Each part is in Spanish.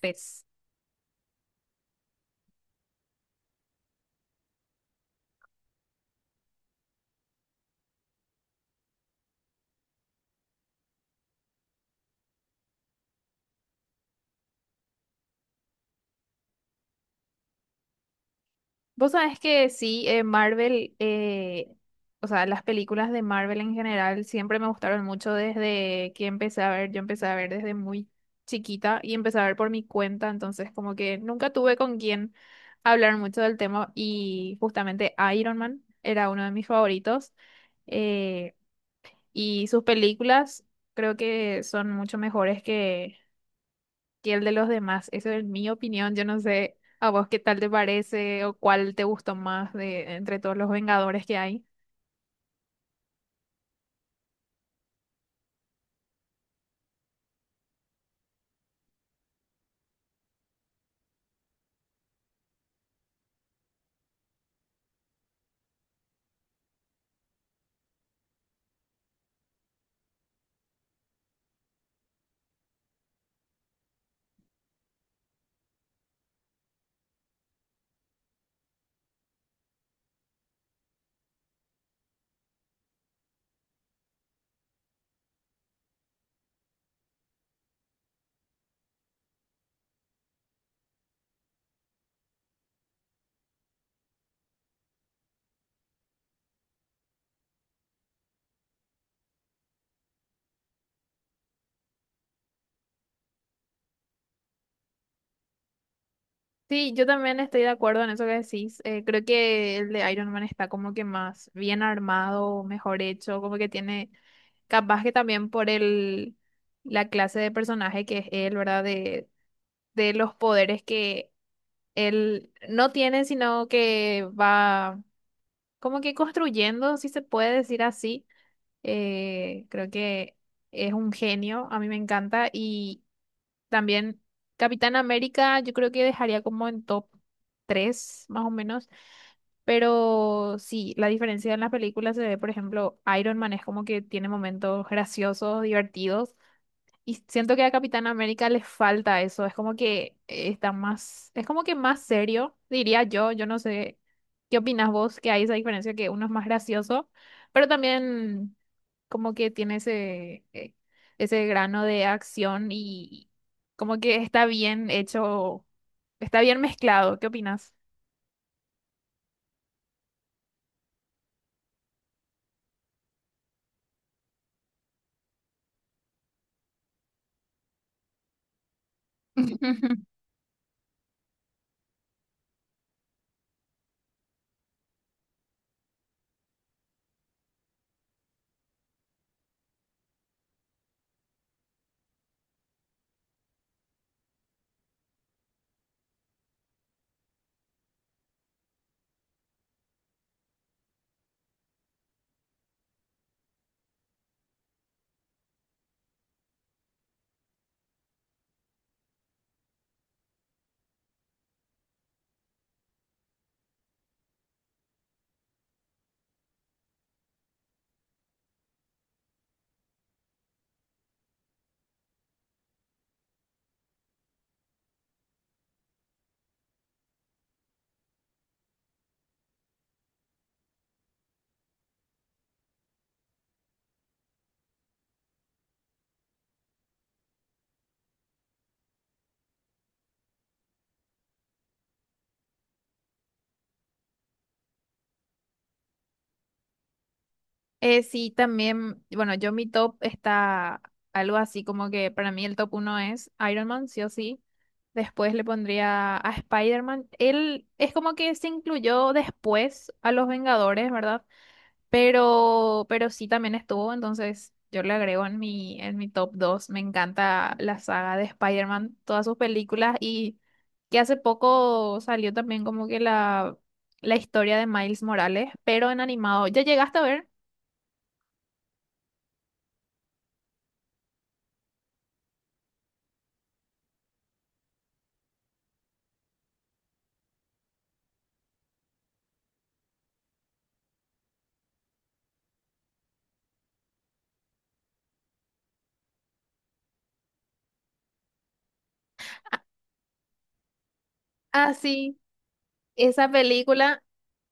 Pues, vos sabés que sí, Marvel, o sea, las películas de Marvel en general siempre me gustaron mucho desde que empecé a ver, yo empecé a ver desde muy chiquita y empecé a ver por mi cuenta, entonces como que nunca tuve con quién hablar mucho del tema y justamente Iron Man era uno de mis favoritos eh, y sus películas creo que son mucho mejores que el de los demás. Eso es mi opinión. Yo no sé a vos qué tal te parece o cuál te gustó más de entre todos los Vengadores que hay. Sí, yo también estoy de acuerdo en eso que decís. Creo que el de Iron Man está como que más bien armado, mejor hecho, como que tiene, capaz que también por el, la clase de personaje que es él, ¿verdad? De los poderes que él no tiene, sino que va como que construyendo, si se puede decir así. Creo que es un genio, a mí me encanta. Y también Capitán América, yo creo que dejaría como en top 3 más o menos. Pero sí, la diferencia en las películas se ve, por ejemplo, Iron Man es como que tiene momentos graciosos, divertidos. Y siento que a Capitán América le falta eso, es como que está más, es como que más serio, diría yo, yo no sé qué opinas vos, que hay esa diferencia que uno es más gracioso, pero también como que tiene ese, ese grano de acción y como que está bien hecho, está bien mezclado, ¿qué opinas? Sí, también, bueno, yo mi top está algo así como que para mí el top uno es Iron Man, sí o sí. Después le pondría a Spider-Man. Él es como que se incluyó después a los Vengadores, ¿verdad? Pero sí también estuvo, entonces yo le agrego en mi top dos. Me encanta la saga de Spider-Man, todas sus películas y que hace poco salió también como que la historia de Miles Morales, pero en animado. ¿Ya llegaste a ver? Ah, sí, esa película,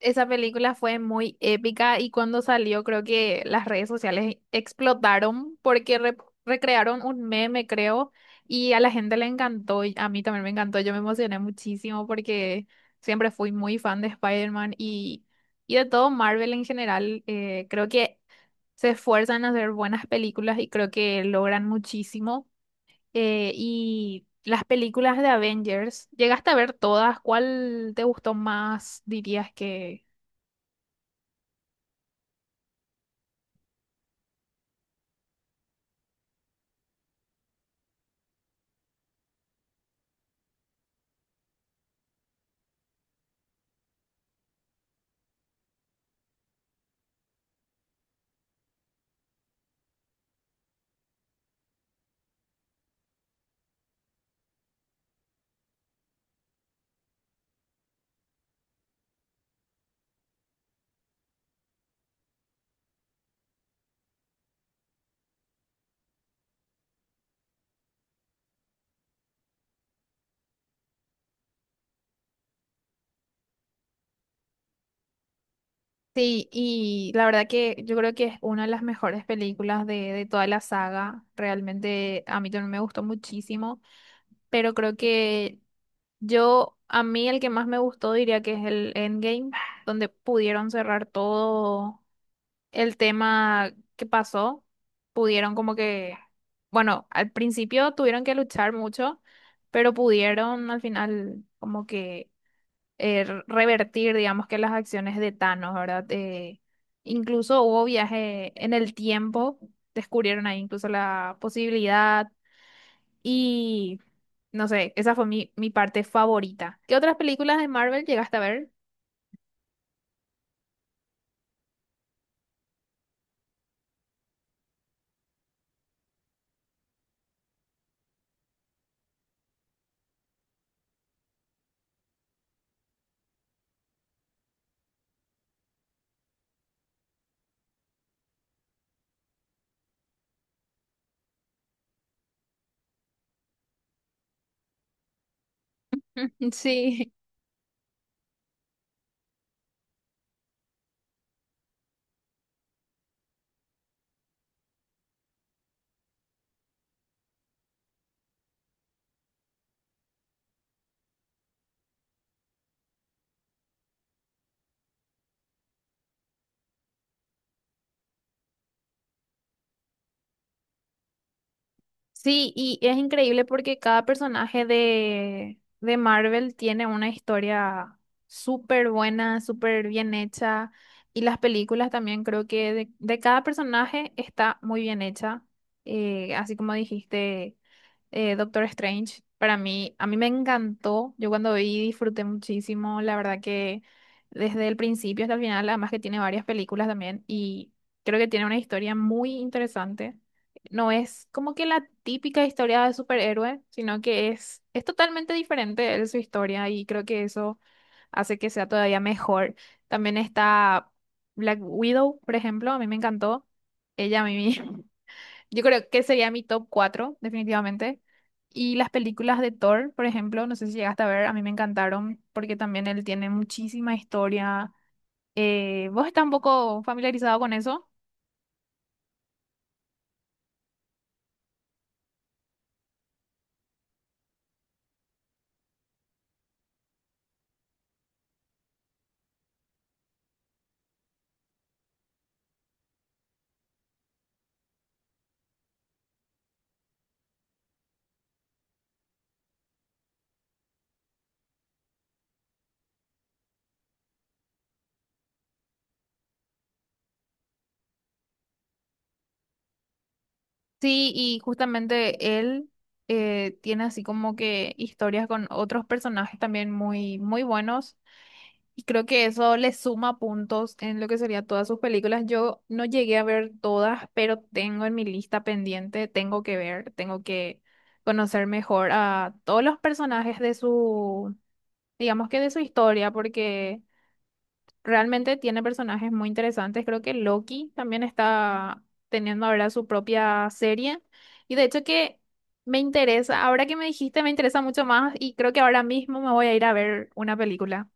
esa película fue muy épica y cuando salió creo que las redes sociales explotaron porque recrearon un meme, creo, y a la gente le encantó y a mí también me encantó, yo me emocioné muchísimo porque siempre fui muy fan de Spider-Man y de todo Marvel en general, creo que se esfuerzan a hacer buenas películas y creo que logran muchísimo. Y las películas de Avengers. ¿Llegaste a ver todas? ¿Cuál te gustó más, dirías que... Sí, y la verdad que yo creo que es una de las mejores películas de toda la saga. Realmente a mí también me gustó muchísimo, pero creo que yo, a mí el que más me gustó diría que es el Endgame, donde pudieron cerrar todo el tema que pasó, pudieron como que, bueno, al principio tuvieron que luchar mucho, pero pudieron al final como que revertir, digamos que las acciones de Thanos, ¿verdad? Incluso hubo viaje en el tiempo, descubrieron ahí incluso la posibilidad y no sé, esa fue mi, mi parte favorita. ¿Qué otras películas de Marvel llegaste a ver? Sí, sí, y es increíble porque cada personaje de Marvel tiene una historia súper buena, súper bien hecha. Y las películas también creo que de cada personaje está muy bien hecha. Así como dijiste Doctor Strange, para mí, a mí me encantó. Yo cuando vi disfruté muchísimo. La verdad que desde el principio hasta el final, además que tiene varias películas también y creo que tiene una historia muy interesante. No es como que la típica historia de superhéroe, sino que es totalmente diferente de su historia y creo que eso hace que sea todavía mejor. También está Black Widow, por ejemplo, a mí me encantó. Ella a mí yo creo que sería mi top 4 definitivamente. Y las películas de Thor, por ejemplo, no sé si llegaste a ver, a mí me encantaron porque también él tiene muchísima historia. ¿Vos estás un poco familiarizado con eso? Sí, y justamente él tiene así como que historias con otros personajes también muy, muy buenos. Y creo que eso le suma puntos en lo que sería todas sus películas. Yo no llegué a ver todas, pero tengo en mi lista pendiente, tengo que ver, tengo que conocer mejor a todos los personajes de su, digamos que de su historia, porque realmente tiene personajes muy interesantes. Creo que Loki también está teniendo ahora su propia serie. Y de hecho que me interesa, ahora que me dijiste, me interesa mucho más y creo que ahora mismo me voy a ir a ver una película.